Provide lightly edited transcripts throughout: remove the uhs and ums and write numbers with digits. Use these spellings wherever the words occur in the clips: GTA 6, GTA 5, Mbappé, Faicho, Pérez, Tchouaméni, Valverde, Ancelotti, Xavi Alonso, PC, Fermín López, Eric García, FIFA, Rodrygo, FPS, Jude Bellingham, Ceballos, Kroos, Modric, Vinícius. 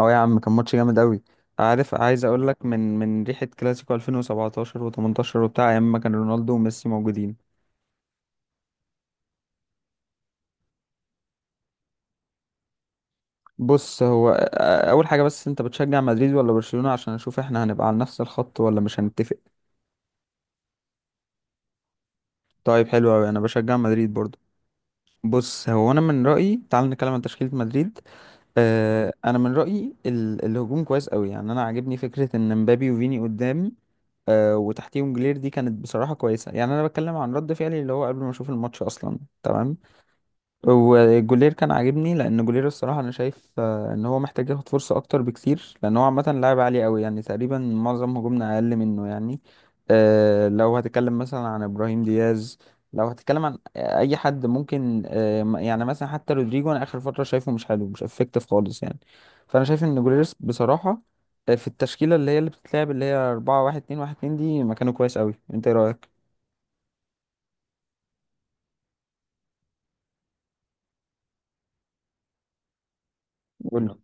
اه يا عم، كان ماتش جامد قوي. عارف، عايز اقول لك من ريحه كلاسيكو 2017 و18 وبتاع، ايام ما كان رونالدو وميسي موجودين. بص هو اول حاجه، بس انت بتشجع مدريد ولا برشلونه؟ عشان اشوف احنا هنبقى على نفس الخط ولا مش هنتفق. طيب حلو قوي، انا بشجع مدريد برضو. بص هو انا من رايي تعال نتكلم عن تشكيله مدريد. انا من رايي الهجوم كويس قوي، يعني انا عاجبني فكره ان مبابي وفيني قدام. وتحتيهم جلير، دي كانت بصراحه كويسه، يعني انا بتكلم عن رد فعلي اللي هو قبل ما اشوف الماتش اصلا، تمام. وجولير كان عاجبني لان جولير الصراحه انا شايف ان هو محتاج ياخد فرصه اكتر بكتير، لان هو عامه لاعب عالي قوي يعني، تقريبا معظم هجومنا اقل منه يعني. لو هتتكلم مثلا عن ابراهيم دياز، لو هتتكلم عن اي حد ممكن يعني مثلا حتى رودريجو، انا اخر فتره شايفه مش حلو، مش افكتيف خالص يعني. فانا شايف ان جولير بصراحه في التشكيله اللي هي اللي بتتلعب اللي هي 4 1 2 1 2 دي، مكانه كويس قوي. انت ايه رايك؟ قول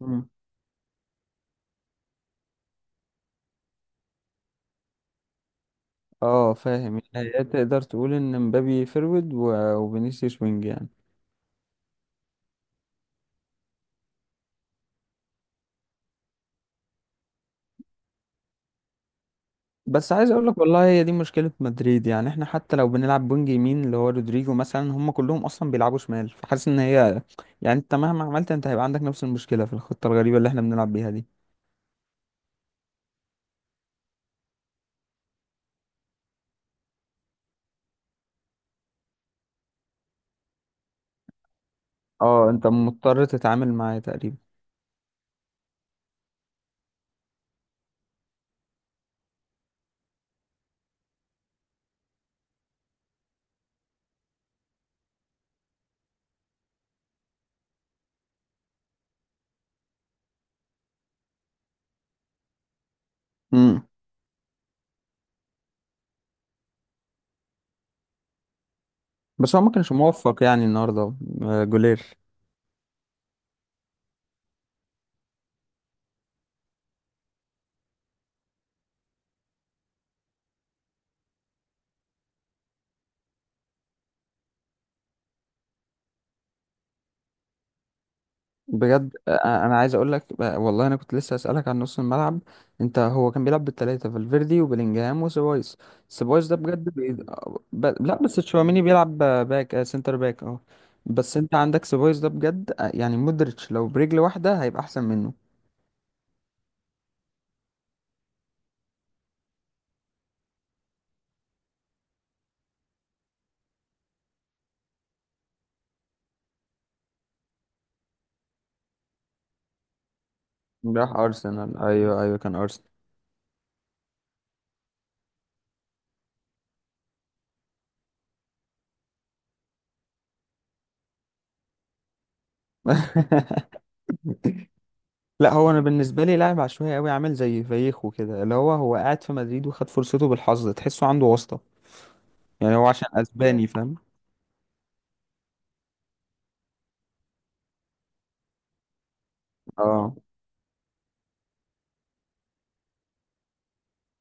لي. اه فاهم. يعني هي تقدر تقول ان مبابي فيرود وفينيسيوس وينج يعني. بس عايز اقول لك والله، هي دي مشكلة مدريد يعني، احنا حتى لو بنلعب وينج يمين اللي هو رودريجو مثلا، هم كلهم اصلا بيلعبوا شمال، فحاسس ان هي يعني انت مهما عملت انت هيبقى عندك نفس المشكلة في الخطة الغريبة اللي احنا بنلعب بيها دي. اه، انت مضطر تتعامل معاه تقريبا. امم. بس هو ما كانش موفق يعني النهارده، جولير. بجد انا عايز اقول لك والله، انا كنت لسه اسالك عن نص الملعب. انت هو كان بيلعب بالثلاثه، فالفيردي وبيلينجهام وسيبايوس. سيبايوس ده بجد لا بس تشواميني بيلعب باك، سنتر باك، اه. بس انت عندك سيبايوس ده بجد يعني مودريتش لو برجل واحده هيبقى احسن منه. راح ارسنال، ايوه ايوه كان ارسنال. لا هو انا بالنسبه لي لاعب عشوائي قوي عامل زي فايخو كده، اللي هو هو قاعد في مدريد وخد فرصته بالحظ، تحسه عنده واسطه. يعني هو عشان اسباني فاهم. اه.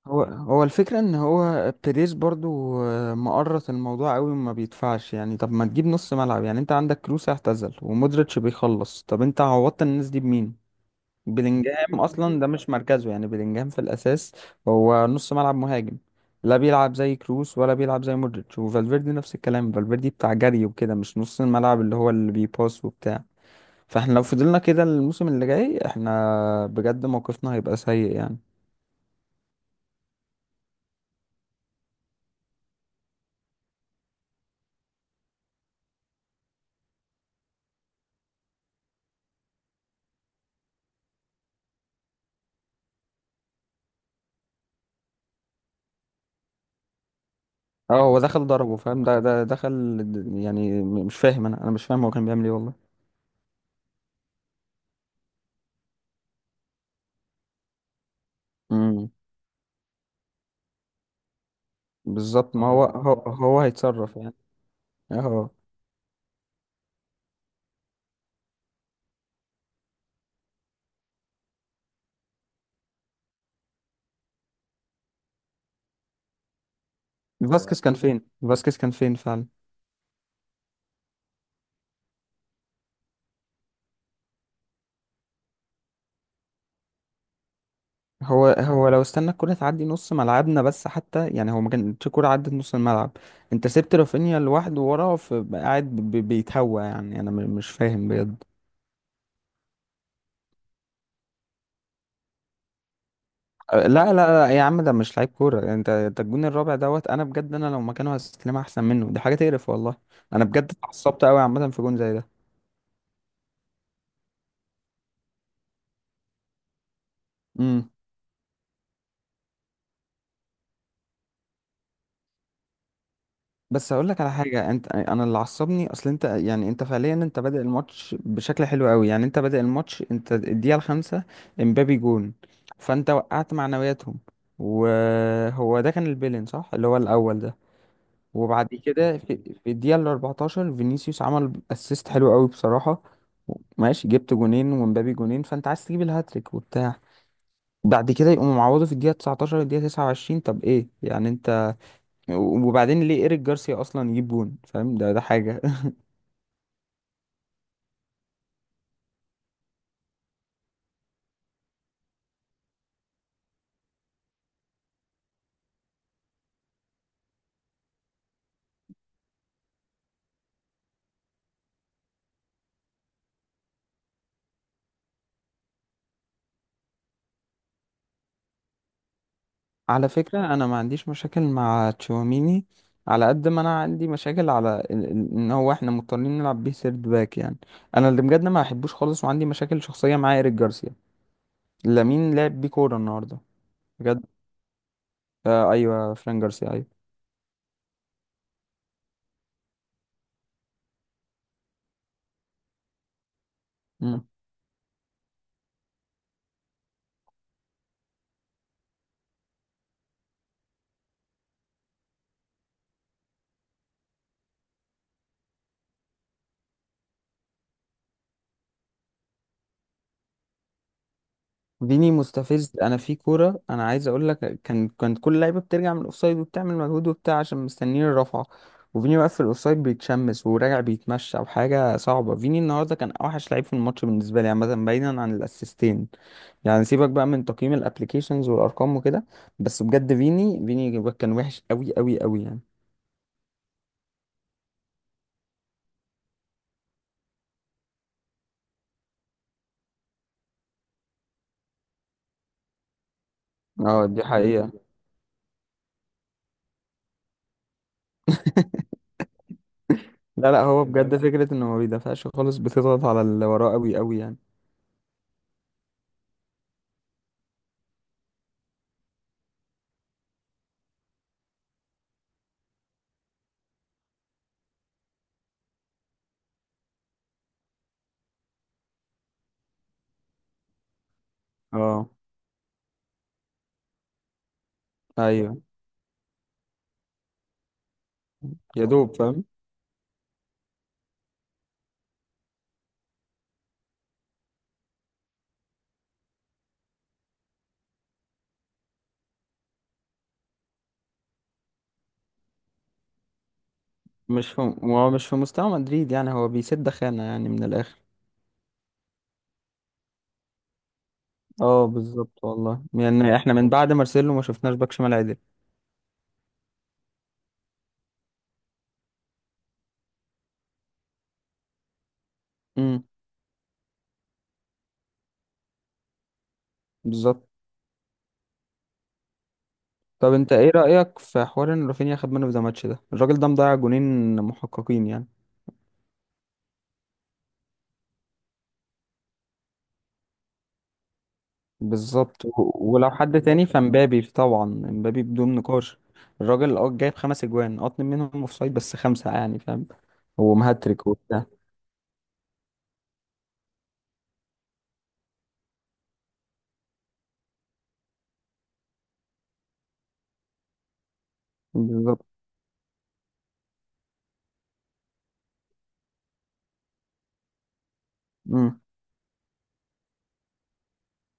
هو الفكرة ان هو بيريز برضو مقرط الموضوع قوي وما بيدفعش يعني. طب ما تجيب نص ملعب؟ يعني انت عندك كروس اعتزل ومودريتش بيخلص، طب انت عوضت الناس دي بمين؟ بلينجهام اصلا ده مش مركزه، يعني بلينجهام في الاساس هو نص ملعب مهاجم، لا بيلعب زي كروس ولا بيلعب زي مودريتش، وفالفيردي نفس الكلام، فالفيردي بتاع جري وكده مش نص الملعب اللي هو اللي بيباس وبتاع. فاحنا لو فضلنا كده الموسم اللي جاي احنا بجد موقفنا هيبقى سيء يعني. اه هو دخل ضربه فاهم، ده دخل. يعني مش فاهم، انا مش فاهم هو كان بيعمل ايه والله. امم. بالظبط، ما هو هو هيتصرف يعني. اه. هو فاسكيز كان فين، فاسكيز كان فين فعلا. هو لو استنى الكرة تعدي نص ملعبنا بس حتى، يعني هو ما كانتش كرة عدت نص الملعب. انت سبت رافينيا لوحده وراه، فقاعد بيتهوى يعني، انا مش فاهم بجد. لا لا لا يا عم، ده مش لعيب كورة. انت الجون الرابع دوت، انا بجد انا لو مكانه هستلمها احسن منه، دي حاجة تقرف والله. انا بجد اتعصبت قوي عامة في جون زي ده. امم. بس هقول لك على حاجة، انت انا اللي عصبني اصل انت، يعني انت فعليا انت بادئ الماتش بشكل حلو قوي، يعني انت بادئ الماتش، انت الدقيقة الخامسة امبابي جون، فانت وقعت معنوياتهم. وهو ده كان البيلين، صح؟ اللي هو الاول ده. وبعد كده في الدقيقة ال 14 فينيسيوس عمل اسيست حلو قوي بصراحة. ماشي جبت جونين ومبابي جونين، فانت عايز تجيب الهاتريك وبتاع. بعد كده يقوموا معوضوا في الدقيقة 19 الدقيقة 29، طب ايه يعني انت؟ وبعدين ليه ايريك جارسيا اصلا يجيب جون؟ فاهم، ده حاجة. على فكرة انا ما عنديش مشاكل مع تشواميني، على قد ما انا عندي مشاكل على ان هو احنا مضطرين نلعب بيه سيرد باك يعني. انا اللي بجد ما بحبوش خالص وعندي مشاكل شخصية مع ايريك جارسيا، لامين لعب بيه كورة النهاردة بجد. آه ايوه، فران جارسيا. ايوه. ديني مستفز، انا في كوره انا عايز اقول لك كانت كل لعيبه بترجع من الاوفسايد وبتعمل مجهود وبتاع عشان مستنيين الرفعه، وفيني واقف في الاوفسايد بيتشمس وراجع بيتمشى وحاجه صعبه. فيني النهارده كان اوحش لعيب في الماتش بالنسبه لي عامه، بعيدا عن الاسيستين يعني، سيبك بقى من تقييم الابلكيشنز والارقام وكده. بس بجد فيني كان وحش قوي قوي قوي يعني. اه دي حقيقه. لا لا، هو بجد فكره انه ما بيدافعش خالص بتضغط على اللي وراه قوي قوي يعني. اه. ايوه، يا دوب فاهم. مش في، هو مش في مستوى مدريد يعني، هو بيسد خانة يعني من الآخر. اه بالظبط والله، يعني احنا من بعد مارسيلو ما شفناش باك شمال عدل. امم. بالظبط. طب انت ايه رأيك في حوار ان رافينيا خد منه في ذا ماتش ده؟ الراجل ده مضيع جونين محققين يعني. بالظبط، ولو حد تاني فمبابي طبعا، مبابي بدون نقاش. الراجل اه جايب خمس اجوان، اه اتنين منهم اوفسايد، بس خمسة يعني فاهم. هو مهاتريك وبتاع. بالظبط.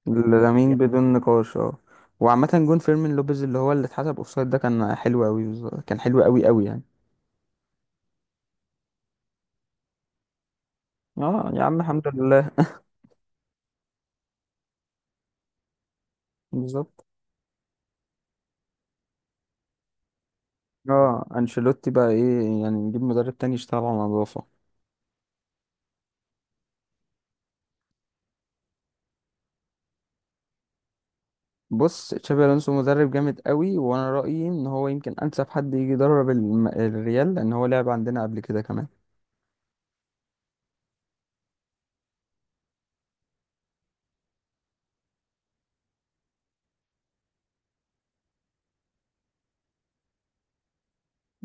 لامين بدون نقاش، اه. وعامة جون فيرمين لوبيز اللي هو اللي اتحسب اوفسايد ده كان حلو قوي، بالظبط كان حلو قوي قوي يعني. اه يا عم الحمد لله. بالظبط. اه انشيلوتي بقى ايه يعني؟ نجيب مدرب تاني يشتغل على النظافة. بص تشابي الونسو مدرب جامد قوي، وانا رأيي ان هو يمكن انسب حد يجي يدرب الريال، لان هو لعب عندنا قبل كده كمان.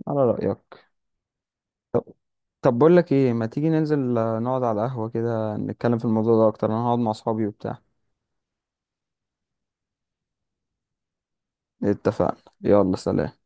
على رأيك. طب. طب بقول لك ايه، ما تيجي ننزل نقعد على قهوة كده نتكلم في الموضوع ده اكتر، انا هقعد مع اصحابي وبتاع. اتفقنا. يلا سلام.